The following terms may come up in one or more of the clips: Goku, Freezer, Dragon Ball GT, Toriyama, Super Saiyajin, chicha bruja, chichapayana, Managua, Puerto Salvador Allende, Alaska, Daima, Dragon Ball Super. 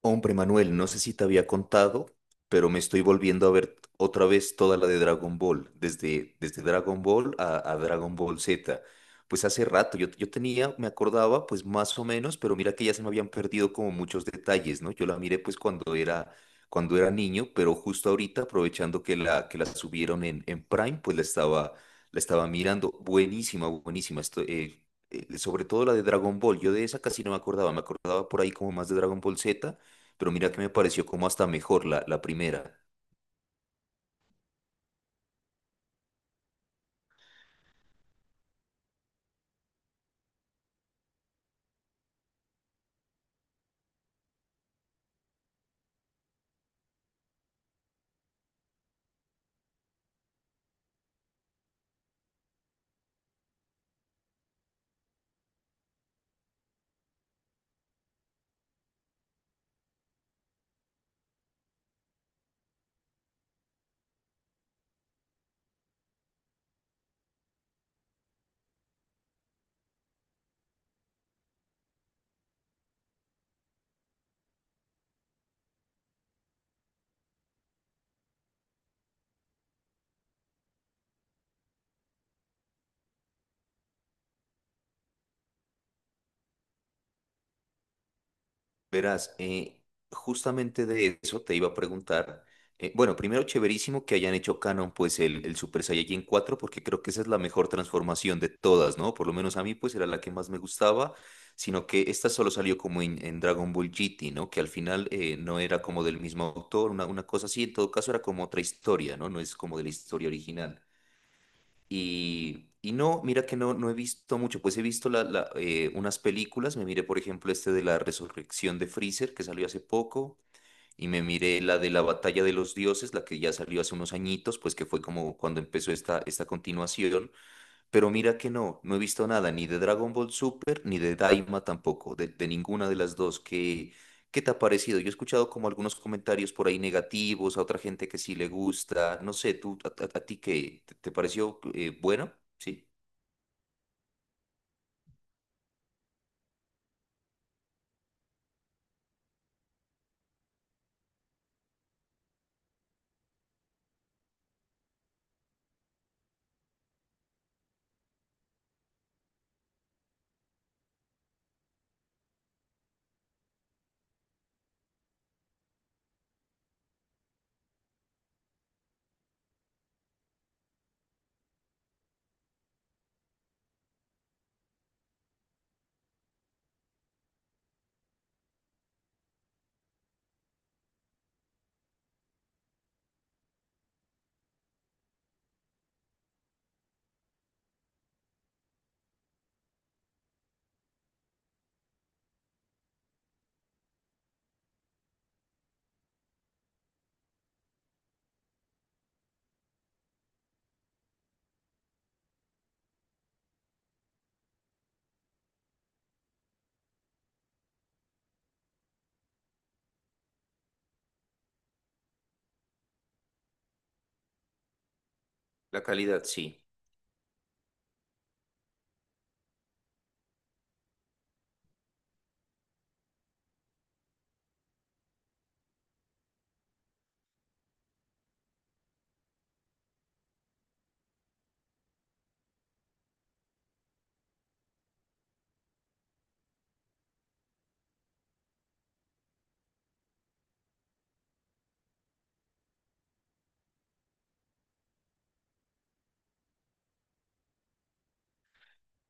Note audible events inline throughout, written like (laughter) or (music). Hombre, Manuel, no sé si te había contado, pero me estoy volviendo a ver otra vez toda la de Dragon Ball, desde Dragon Ball a Dragon Ball Z. Pues hace rato, yo tenía, me acordaba, pues más o menos, pero mira que ya se me habían perdido como muchos detalles, ¿no? Yo la miré pues cuando era niño, pero justo ahorita, aprovechando que la subieron en Prime, pues la estaba mirando. Buenísima, buenísima. Esto, sobre todo la de Dragon Ball, yo de esa casi no me acordaba, me acordaba por ahí como más de Dragon Ball Z, pero mira que me pareció como hasta mejor la primera. Verás, justamente de eso te iba a preguntar. Bueno, primero, chéverísimo que hayan hecho canon pues el Super Saiyajin cuatro, porque creo que esa es la mejor transformación de todas, ¿no? Por lo menos a mí pues era la que más me gustaba, sino que esta solo salió como en Dragon Ball GT, ¿no? Que al final no era como del mismo autor, una cosa así. En todo caso era como otra historia, ¿no? No es como de la historia original. Y no, mira que no, no he visto mucho, pues he visto unas películas, me miré por ejemplo este de la resurrección de Freezer que salió hace poco, y me miré la de la batalla de los dioses, la que ya salió hace unos añitos, pues que fue como cuando empezó esta continuación, pero mira que no, no he visto nada ni de Dragon Ball Super ni de Daima tampoco, de ninguna de las dos. ¿Qué te ha parecido? Yo he escuchado como algunos comentarios por ahí negativos, a otra gente que sí le gusta. No sé, ¿tú a ti qué? ¿Te pareció bueno? Sí, la calidad, sí.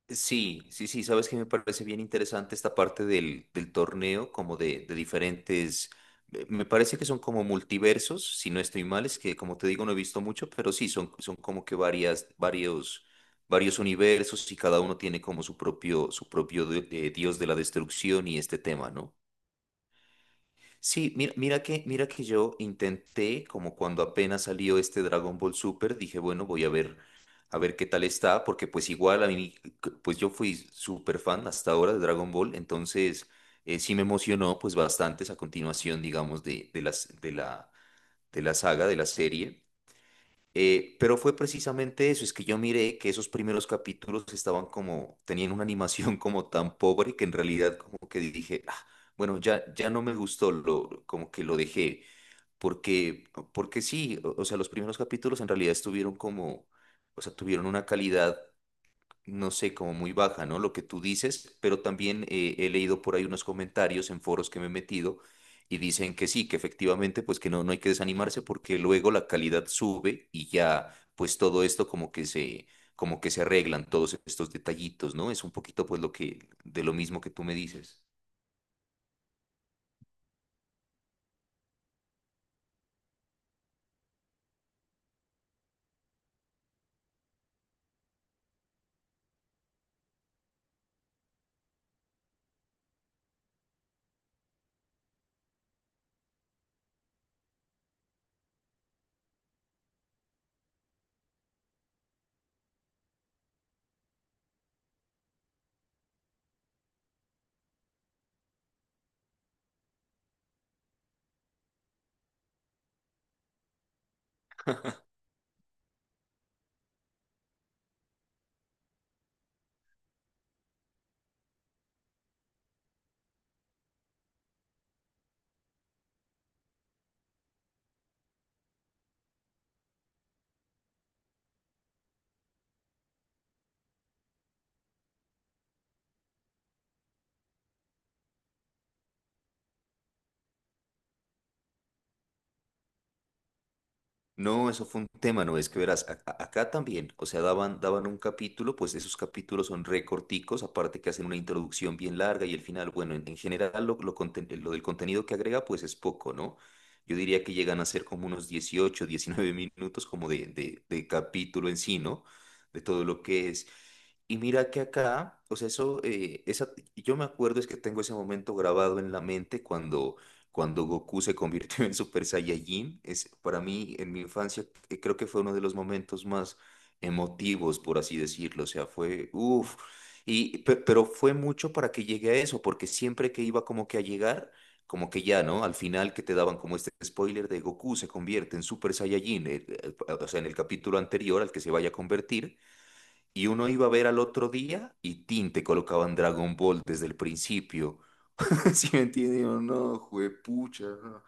Sí, sí, sí, sabes que me parece bien interesante esta parte del torneo, como de diferentes, me parece que son como multiversos, si no estoy mal. Es que como te digo no he visto mucho, pero sí, son como que varios universos, y cada uno tiene como su propio de dios de la destrucción y este tema, ¿no? Sí, mira, mira que yo intenté, como cuando apenas salió este Dragon Ball Super, dije, bueno, voy a ver qué tal está, porque pues igual a mí, pues yo fui súper fan hasta ahora de Dragon Ball, entonces sí me emocionó pues bastante esa continuación, digamos, de la saga, de la serie. Pero fue precisamente eso. Es que yo miré que esos primeros capítulos estaban como, tenían una animación (laughs) como tan pobre, que en realidad como que dije, "Ah, bueno, ya, ya no me gustó", lo, como que lo dejé, porque, porque sí. O o sea, los primeros capítulos en realidad estuvieron como, o sea, tuvieron una calidad, no sé, como muy baja, ¿no? Lo que tú dices, pero también he leído por ahí unos comentarios en foros que me he metido, y dicen que sí, que efectivamente, pues que no, no hay que desanimarse porque luego la calidad sube, y ya, pues todo esto como que se, arreglan todos estos detallitos, ¿no? Es un poquito pues lo que, de lo mismo que tú me dices. No, eso fue un tema. No es que verás, acá también. O sea, daban un capítulo, pues esos capítulos son recorticos, aparte que hacen una introducción bien larga y el final. Bueno, en general lo del contenido que agrega, pues es poco, ¿no? Yo diría que llegan a ser como unos 18, 19 minutos como de capítulo en sí, ¿no? De todo lo que es. Y mira que acá, o sea, eso, esa, yo me acuerdo es que tengo ese momento grabado en la mente, cuando Goku se convirtió (laughs) en Super Saiyajin. Es, para mí, en mi infancia, creo que fue uno de los momentos más emotivos, por así decirlo. O sea, fue, uff, y, pero fue mucho para que llegue a eso, porque siempre que iba como que a llegar, como que ya, ¿no? Al final que te daban como este spoiler de Goku se convierte en Super Saiyajin, o sea, en el capítulo anterior al que se vaya a convertir. Y uno iba a ver al otro día y tin, te colocaban Dragon Ball desde el principio. (laughs) ¿Sí me entiendes? ¿O no? Juepucha. No.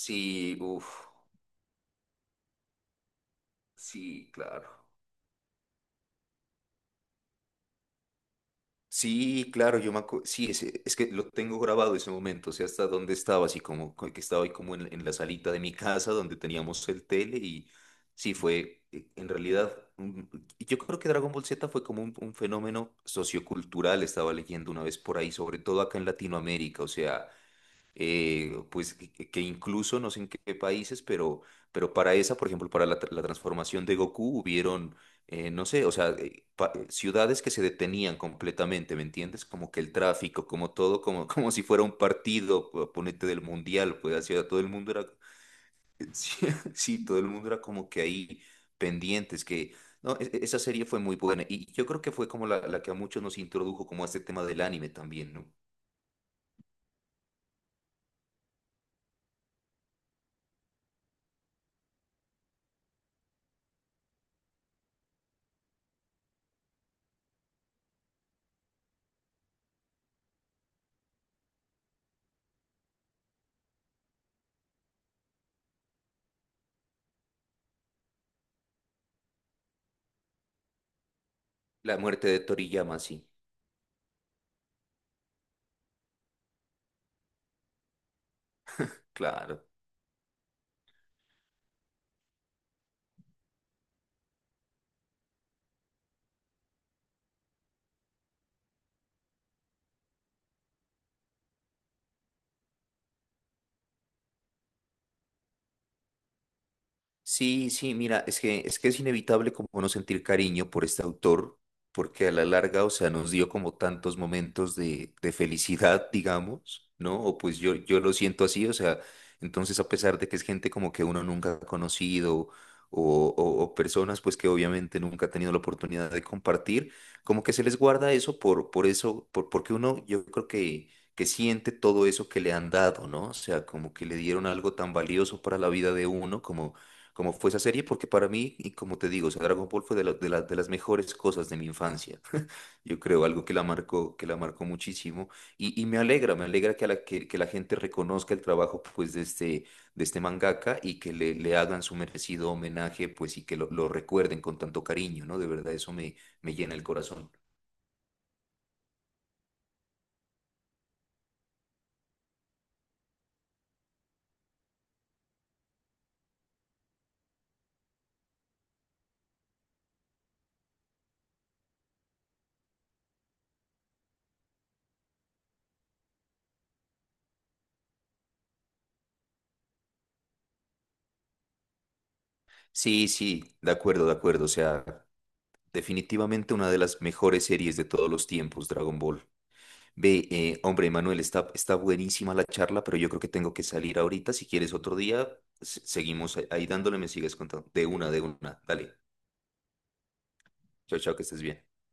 Sí, uff, sí, claro. Sí, claro, yo me acuerdo. Sí, es que lo tengo grabado ese momento, o sea, hasta donde estaba, así como que estaba ahí como en la salita de mi casa, donde teníamos el tele, y sí, fue en realidad, yo creo que Dragon Ball Z fue como un fenómeno sociocultural. Estaba leyendo una vez por ahí, sobre todo acá en Latinoamérica, o sea, pues que incluso no sé en qué países, pero, para esa, por ejemplo, para la transformación de Goku hubieron, no sé, o sea, ciudades que se detenían completamente, ¿me entiendes? Como que el tráfico, como todo, como, (laughs) como si fuera un partido, ponete del mundial, pues así, todo el mundo era, (laughs) sí, sí, todo el mundo era como que ahí pendientes, que... No, esa serie fue muy buena, y yo creo que fue como la que a muchos nos introdujo como a este tema del anime también, ¿no? La muerte de Toriyama, sí, claro. Sí, sí, mira, es que es inevitable como no sentir cariño por este autor, porque a la larga, o sea, nos dio como tantos momentos de felicidad, digamos, ¿no? O pues yo lo siento así. O sea, entonces a pesar de que es gente como que uno nunca ha conocido, o personas pues que obviamente nunca ha tenido la oportunidad de compartir, como que se les guarda eso por, eso, porque uno yo creo que siente todo eso que le han dado, ¿no? O sea, como que le dieron algo tan valioso para la vida de uno, como fue esa serie, porque para mí, y como te digo, o sea, Dragon Ball fue de las mejores cosas de mi infancia. (laughs) Yo creo algo que la marcó muchísimo. Y me alegra que la gente reconozca el trabajo pues, de este, mangaka, y que le hagan su merecido homenaje pues, y que lo recuerden con tanto cariño, ¿no? De verdad, eso me llena el corazón. Sí, sí, de acuerdo, de acuerdo. O sea, definitivamente una de las mejores series de todos los tiempos, Dragon Ball. Ve, hombre, Manuel, está buenísima la charla, pero yo creo que tengo que salir ahorita. Si quieres otro día, seguimos ahí dándole, me sigues contando. De una, de una. Dale. Chao, chao, que estés bien.